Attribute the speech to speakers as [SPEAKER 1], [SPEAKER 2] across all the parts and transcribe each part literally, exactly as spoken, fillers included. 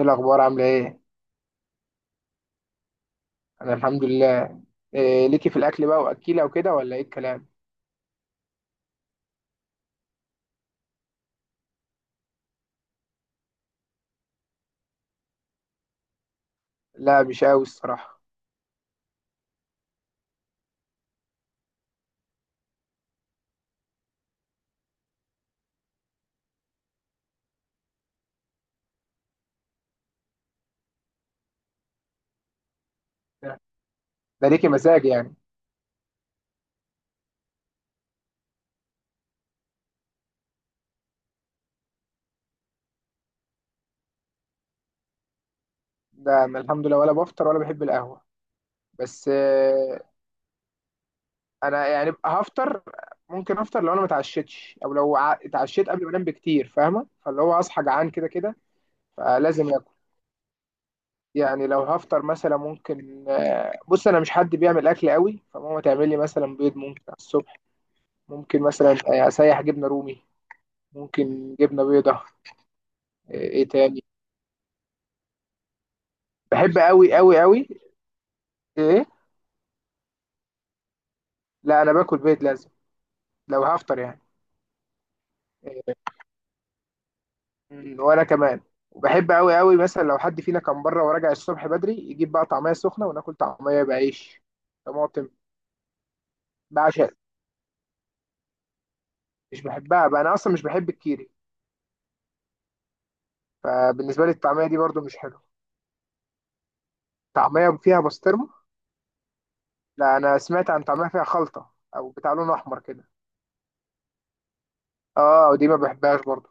[SPEAKER 1] ايه الاخبار؟ عامله ايه؟ انا الحمد لله. إيه ليكي في الاكل بقى واكيله وكده، ولا ايه الكلام؟ لا مش قوي الصراحه. ده ليكي مزاج يعني. ده انا الحمد لله ولا بفطر ولا بحب القهوه. بس إيه، انا يعني هفطر. ممكن افطر لو انا ما اتعشتش او لو ع- اتعشيت قبل ما انام بكتير، فاهمه؟ فاللي هو اصحى جعان كده كده، فلازم اكل. يعني لو هفطر مثلا ممكن آه، بص، انا مش حد بيعمل اكل قوي، فماما تعمل لي مثلا بيض ممكن على الصبح. ممكن مثلا آه، اسيح جبنه رومي، ممكن جبنه بيضه. ايه إيه تاني؟ بحب قوي قوي قوي. ايه؟ لا انا باكل بيض لازم، لو هفطر يعني. إيه. مم، وانا كمان. وبحب قوي قوي مثلا لو حد فينا كان بره وراجع الصبح بدري، يجيب بقى طعميه سخنه وناكل طعميه بعيش، طماطم. بعشق. مش بحبها بقى، انا اصلا مش بحب الكيري. فبالنسبه لي الطعميه دي برضو مش حلوه. طعميه فيها بسطرمه؟ لا انا سمعت عن طعميه فيها خلطه، او بتاع لون احمر كده. اه ودي ما بحبهاش برضو.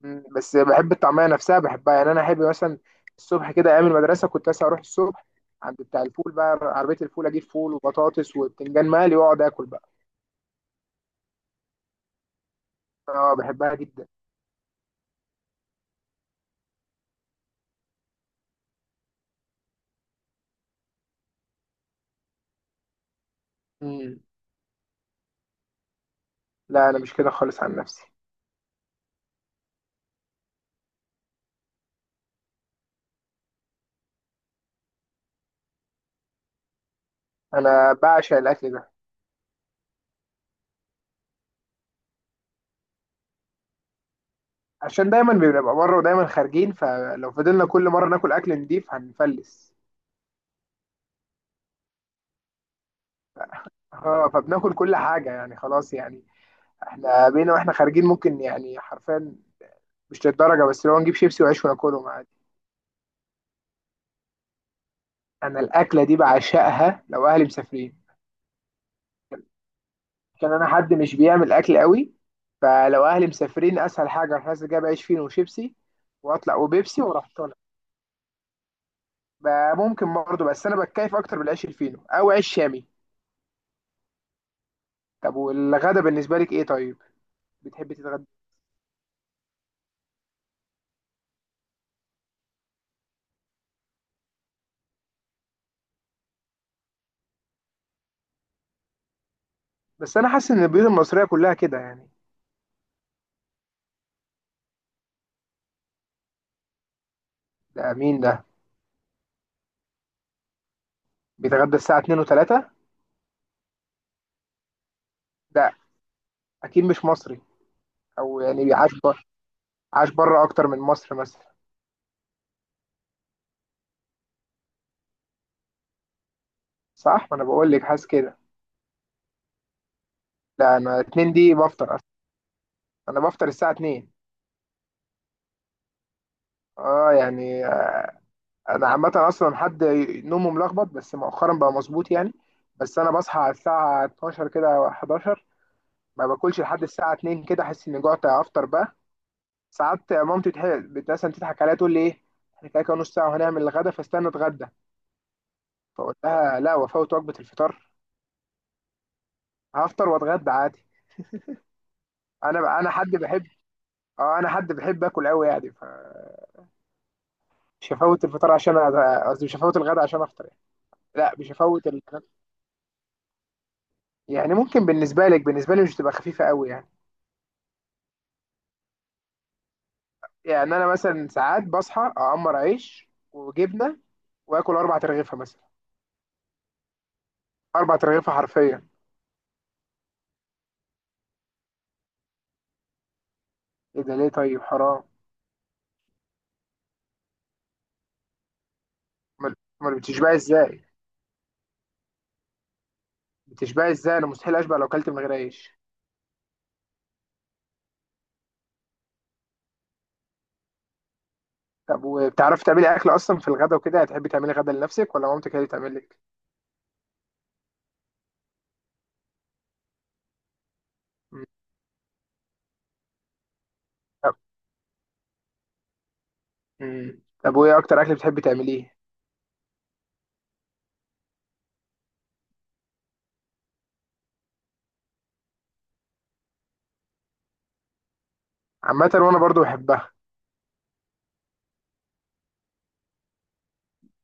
[SPEAKER 1] مم. بس بحب الطعميه نفسها، بحبها يعني. انا احب مثلا الصبح كده ايام المدرسه كنت مثلا اروح الصبح عند بتاع الفول بقى، عربيه الفول، اجيب فول وبطاطس وبتنجان مقلي واقعد اكل بقى. اه بحبها جدا. مم. لا انا مش كده خالص عن نفسي. انا بعشق الاكل ده، عشان دايما بنبقى بره ودايما خارجين، فلو فضلنا كل مره ناكل اكل نضيف هنفلس. اه فبناكل كل حاجه يعني خلاص يعني. احنا بينا واحنا خارجين ممكن يعني حرفيا، مش للدرجه، بس لو نجيب شيبسي وعيش وناكلهم عادي. انا الاكله دي بعشقها لو اهلي مسافرين. كان انا حد مش بيعمل اكل قوي، فلو اهلي مسافرين اسهل حاجه اروح نازل جايب عيش فينو وشيبسي واطلع وبيبسي واروح طالع. ب- ممكن برضه، بس انا بتكيف اكتر بالعيش الفينو او عيش شامي. طب والغدا بالنسبه لك ايه طيب؟ بتحبي تتغدى؟ بس انا حاسس ان البيوت المصريه كلها كده يعني. ده مين ده بيتغدى الساعه اتنين و3؟ ده اكيد مش مصري. او يعني بيعاش بره، عاش بره اكتر من مصر مثلا. صح، ما انا بقول لك حاسس كده. لا انا اتنين دي بفطر. انا بفطر الساعه اتنين. اه يعني. انا عامه اصلا حد نومه ملخبط، بس مؤخرا بقى مظبوط يعني. بس انا بصحى على الساعه اتناشر كده أو حداشر. ما باكلش لحد الساعه اتنين كده، احس اني جوعت افطر بقى. ساعات مامتي تح- بت- مثلا تضحك عليا تقول لي ايه، احنا كده كده نص ساعه وهنعمل الغدا فاستنى اتغدى. فاقول لها لا، وافوت وجبه الفطار. هفطر واتغدى عادي. انا انا حد بحب. اه انا حد بحب اكل قوي يعني، فمش هفوت الفطار عشان أ- قصدي مش هفوت الغدا عشان افطر يعني. لا مش هفوت الغدا. يعني ممكن بالنسبة لك، بالنسبة لي مش تبقى خفيفة قوي يعني. يعني أنا مثلا ساعات بصحى أعمر عيش وجبنة وآكل أربع ترغيفة مثلا. أربع ترغيفة حرفيا. إيه ده، ليه طيب؟ حرام. أمال؟ أمال بتشبعي إزاي؟ بتشبعي إزاي؟ أنا مستحيل أشبع لو أكلت من غير عيش. طب وبتعرفي تعملي أكل أصلا في الغدا وكده؟ هتحبي تعملي غدا لنفسك ولا مامتك هي اللي تعمل لك؟ مم. طب. مم. طب وإيه أكتر أكل بتحبي تعمليه؟ عامة وأنا برضو بحبها.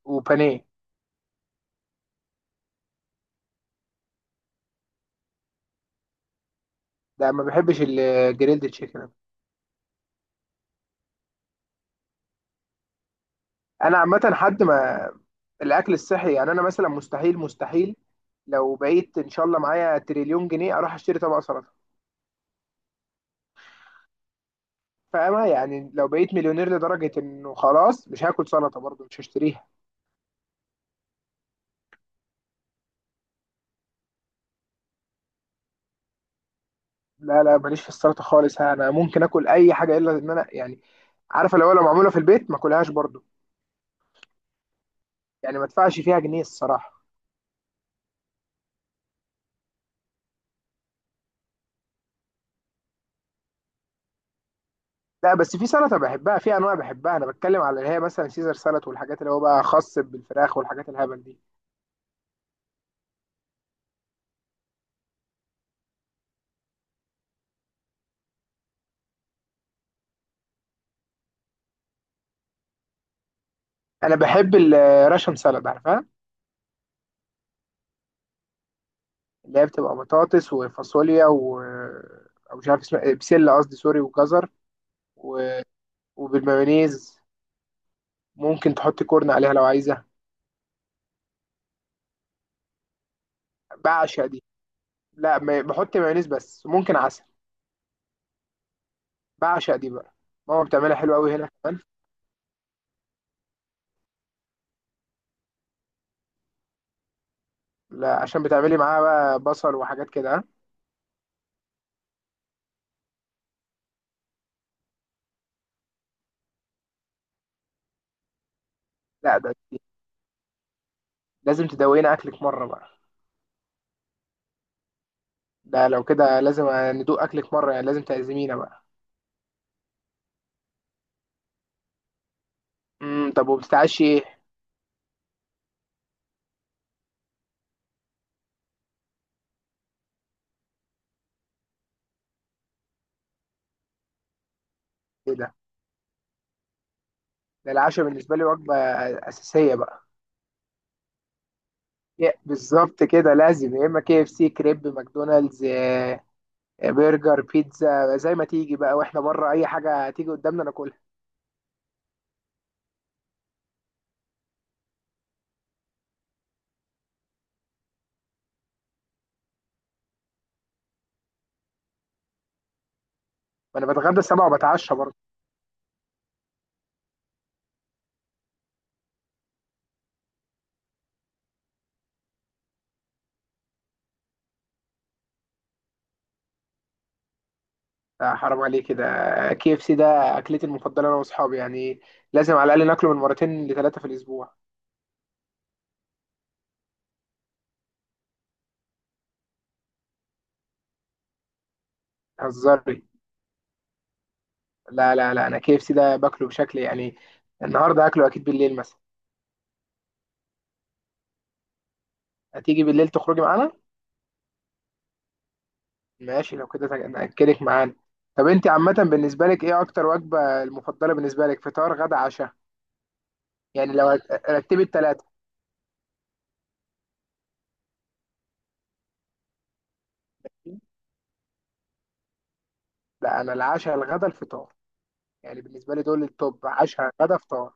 [SPEAKER 1] وبانيه. ده ما بحبش الجريلد تشيكن. أنا عامة حد ما الاكل الصحي يعني. انا مثلا مستحيل مستحيل لو بقيت ان شاء الله معايا تريليون جنيه اروح اشتري طبق سلطه. فاهمة يعني؟ لو بقيت مليونير لدرجة انه خلاص، مش هاكل سلطة برضه، مش هشتريها. لا لا، ماليش في السلطة خالص. انا ممكن اكل اي حاجة الا ان انا يعني، عارفة، لو لو معمولة في البيت ما اكلهاش برضه. يعني ما ادفعش فيها جنيه الصراحة. لا بس في سلطة بحبها، في انواع بحبها، انا بتكلم على اللي هي مثلا سيزر سلطة والحاجات اللي هو بقى خاص بالفراخ والحاجات الهبل دي. انا بحب الراشن سلطة، عارفها؟ اللي هي بتبقى بطاطس وفاصوليا و او مش عارف اسمها إيه، بسله قصدي سوري، وجزر و وبالمايونيز. ممكن تحط كورن عليها لو عايزه. بعشق دي. لا ما- بحط مايونيز بس ممكن عسل. بعشق دي بقى. ماما بتعملها حلوه قوي هنا كمان. لا عشان بتعملي معاها بقى بصل وحاجات كده، ها؟ لا ده دي. لازم تدوقينا اكلك مره بقى. ده لو كده لازم ندوق اكلك مره، يعني لازم تعزمينا بقى. امم، طب وبتتعشي ايه؟ ايه ده؟ ده العشاء بالنسبه لي وجبه اساسيه بقى. يا- بالظبط كده، لازم يا اما كي اف سي كريب ماكدونالدز آه، آه، برجر بيتزا زي ما تيجي بقى، واحنا بره اي حاجه تيجي قدامنا ناكلها. ما انا بتغدى السبعة وبتعشى برضه. آه، حرام عليك كده. كي اف سي ده اكلتي المفضله انا واصحابي يعني. لازم على الاقل ناكله من مرتين لثلاثه في الاسبوع. هزاري؟ لا لا لا، انا كي اف سي ده باكله بشكل يعني. النهارده هاكله اكيد بالليل مثلا. هتيجي بالليل تخرجي معانا؟ ماشي لو كده، تج- ناكلك معانا. طب انت عامه بالنسبه لك ايه اكتر وجبه المفضله بالنسبه لك، فطار غدا عشاء؟ يعني لو هت- رتبت ثلاثة. لا أنا العشاء الغدا الفطار. يعني بالنسبة لي دول التوب، عشاء غدا فطار.